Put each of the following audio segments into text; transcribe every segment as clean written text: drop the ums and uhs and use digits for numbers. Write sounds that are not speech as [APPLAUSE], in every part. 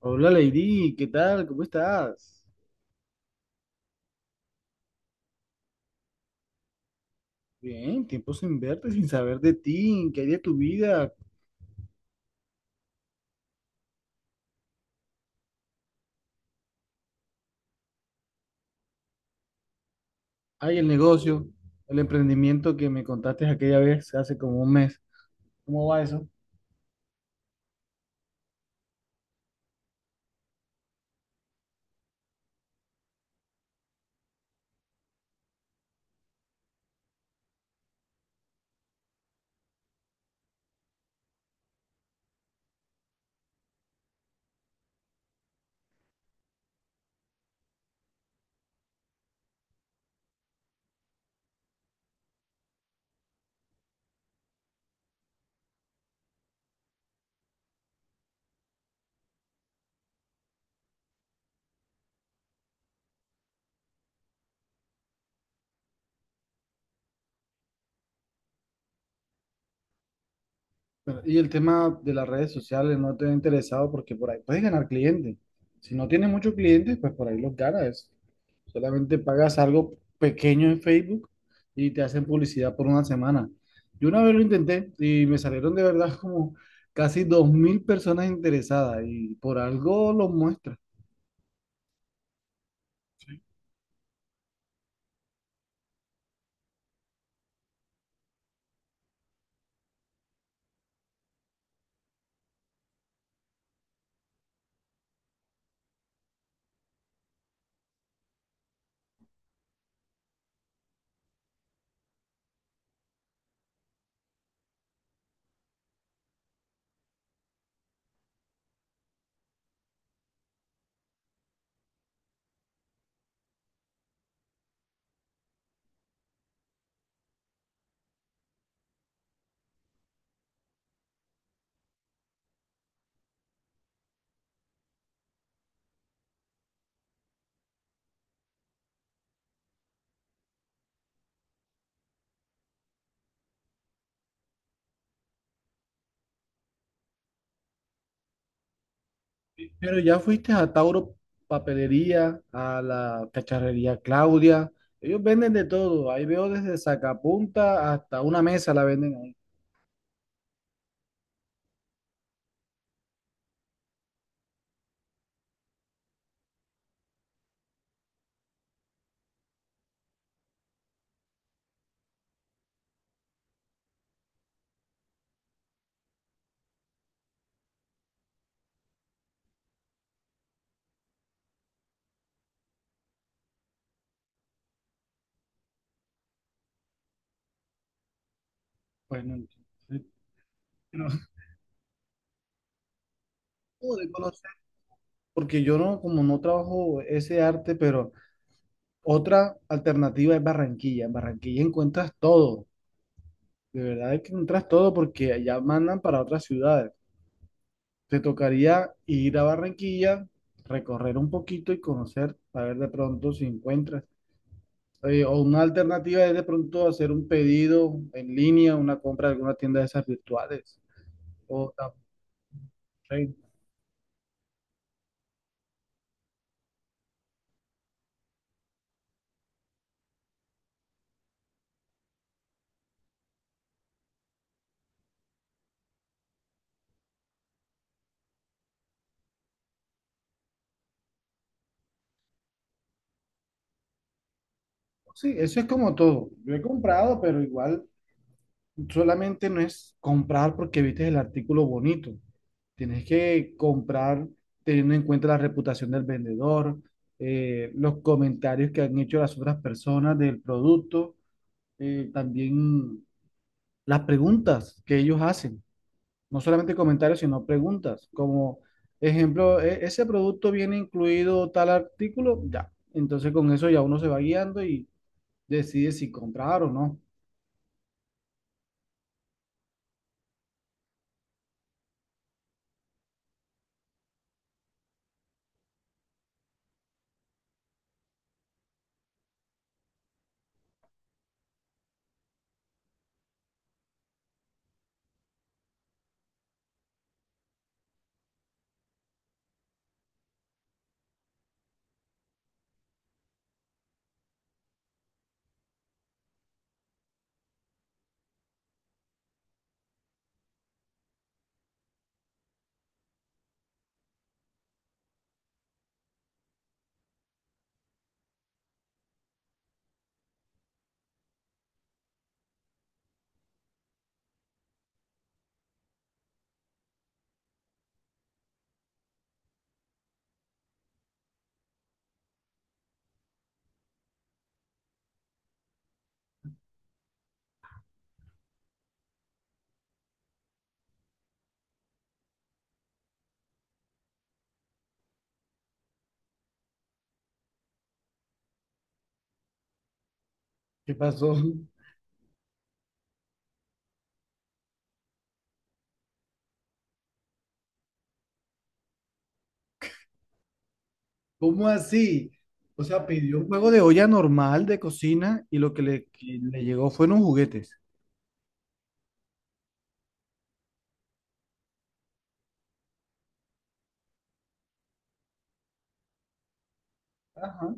Hola Lady, ¿qué tal? ¿Cómo estás? Bien, tiempo sin verte, sin saber de ti, ¿qué hay de tu vida? Hay el negocio, el emprendimiento que me contaste aquella vez, hace como un mes. ¿Cómo va eso? Y el tema de las redes sociales no te ha interesado porque por ahí puedes ganar clientes. Si no tienes muchos clientes, pues por ahí los ganas. Solamente pagas algo pequeño en Facebook y te hacen publicidad por una semana. Yo una vez lo intenté y me salieron de verdad como casi 2.000 personas interesadas y por algo los muestra. Pero ya fuiste a Tauro Papelería, a la cacharrería Claudia. Ellos venden de todo. Ahí veo desde sacapunta hasta una mesa la venden ahí. Pues no, no, [LAUGHS] no de conocer, porque yo no, como no trabajo ese arte, pero otra alternativa es Barranquilla. En Barranquilla encuentras todo. De verdad es que encuentras todo porque allá mandan para otras ciudades. Te tocaría ir a Barranquilla, recorrer un poquito y conocer, a ver de pronto si encuentras. O una alternativa es de pronto hacer un pedido en línea, una compra de alguna tienda de esas virtuales. O tam- sí, eso es como todo. Yo he comprado, pero igual. Solamente no es comprar porque viste el artículo bonito. Tienes que comprar teniendo en cuenta la reputación del vendedor, los comentarios que han hecho las otras personas del producto, también las preguntas que ellos hacen. No solamente comentarios, sino preguntas. Como ejemplo, ese producto viene incluido tal artículo", ya. Entonces con eso ya uno se va guiando y decide si comprar o no. ¿Qué pasó? [LAUGHS] ¿Cómo así? O sea, pidió un juego de olla normal de cocina y lo que le llegó fueron juguetes. Ajá,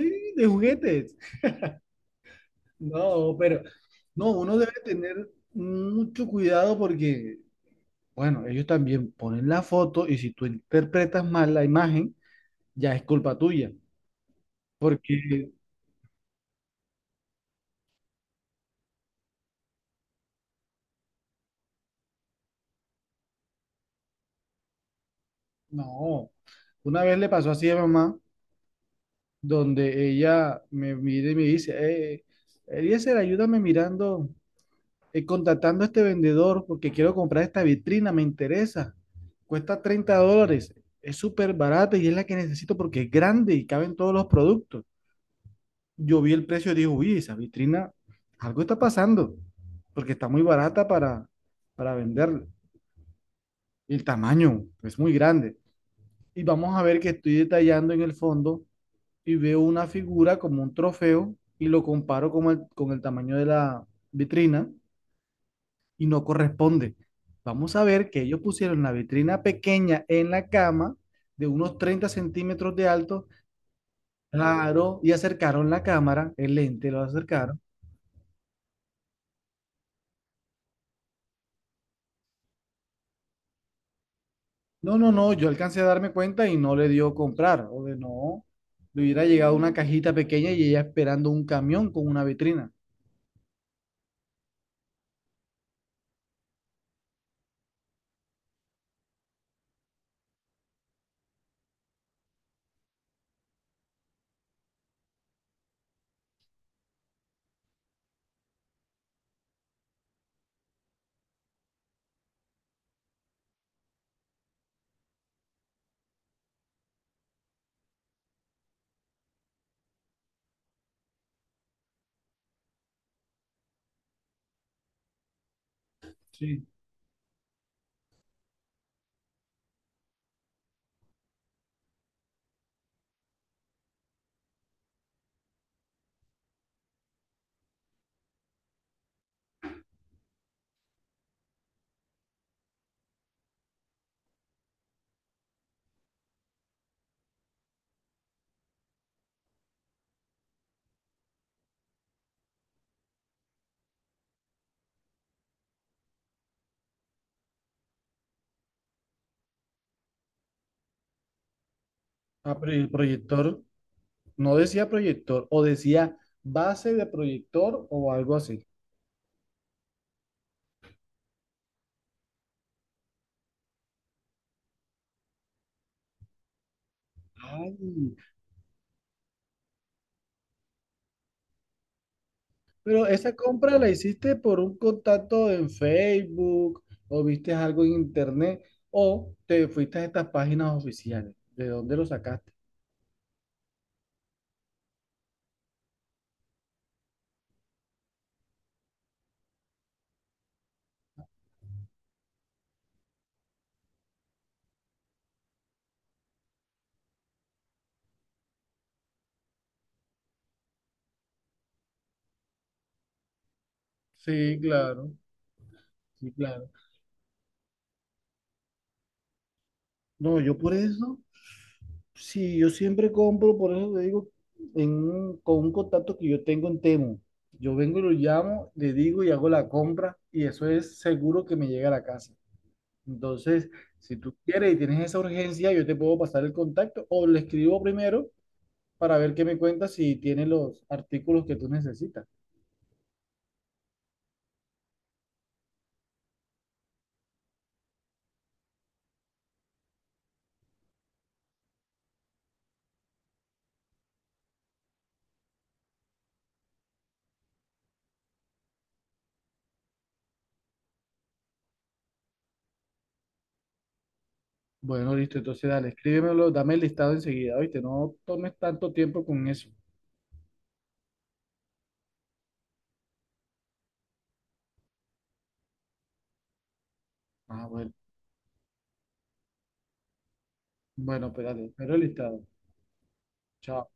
sí, de juguetes. No, pero no, uno debe tener mucho cuidado porque, bueno, ellos también ponen la foto y si tú interpretas mal la imagen, ya es culpa tuya. Porque, no, una vez le pasó así a mamá, donde ella me mira y me dice, eh, Eliezer, ayúdame mirando contactando a este vendedor porque quiero comprar esta vitrina, me interesa. Cuesta $30, es súper barata y es la que necesito porque es grande y caben todos los productos. Yo vi el precio y dije, uy, esa vitrina, algo está pasando porque está muy barata para venderla. Y el tamaño es muy grande. Y vamos a ver que estoy detallando en el fondo y veo una figura como un trofeo y lo comparo con con el tamaño de la vitrina y no corresponde. Vamos a ver que ellos pusieron la vitrina pequeña en la cama de unos 30 cm de alto, claro, y acercaron la cámara, el lente lo acercaron. No, no, no, yo alcancé a darme cuenta y no le dio comprar, o de no, le hubiera llegado una cajita pequeña y ella esperando un camión con una vitrina. Sí, ah, pero el proyector, no decía proyector, o decía base de proyector o algo así. Ay, pero esa compra la hiciste por un contacto en Facebook o viste algo en internet o te fuiste a estas páginas oficiales. ¿De dónde lo sacaste? Sí, claro, sí, claro. No, yo por eso, sí, yo siempre compro, por eso te digo, en con un contacto que yo tengo en Temu. Yo vengo y lo llamo, le digo y hago la compra y eso es seguro que me llega a la casa. Entonces, si tú quieres y tienes esa urgencia, yo te puedo pasar el contacto o le escribo primero para ver qué me cuentas si tiene los artículos que tú necesitas. Bueno, listo, entonces dale, escríbemelo, dame el listado enseguida, ¿oíste? No tomes tanto tiempo con eso. Ah, bueno, bueno, pues dale, espero el listado. Chao.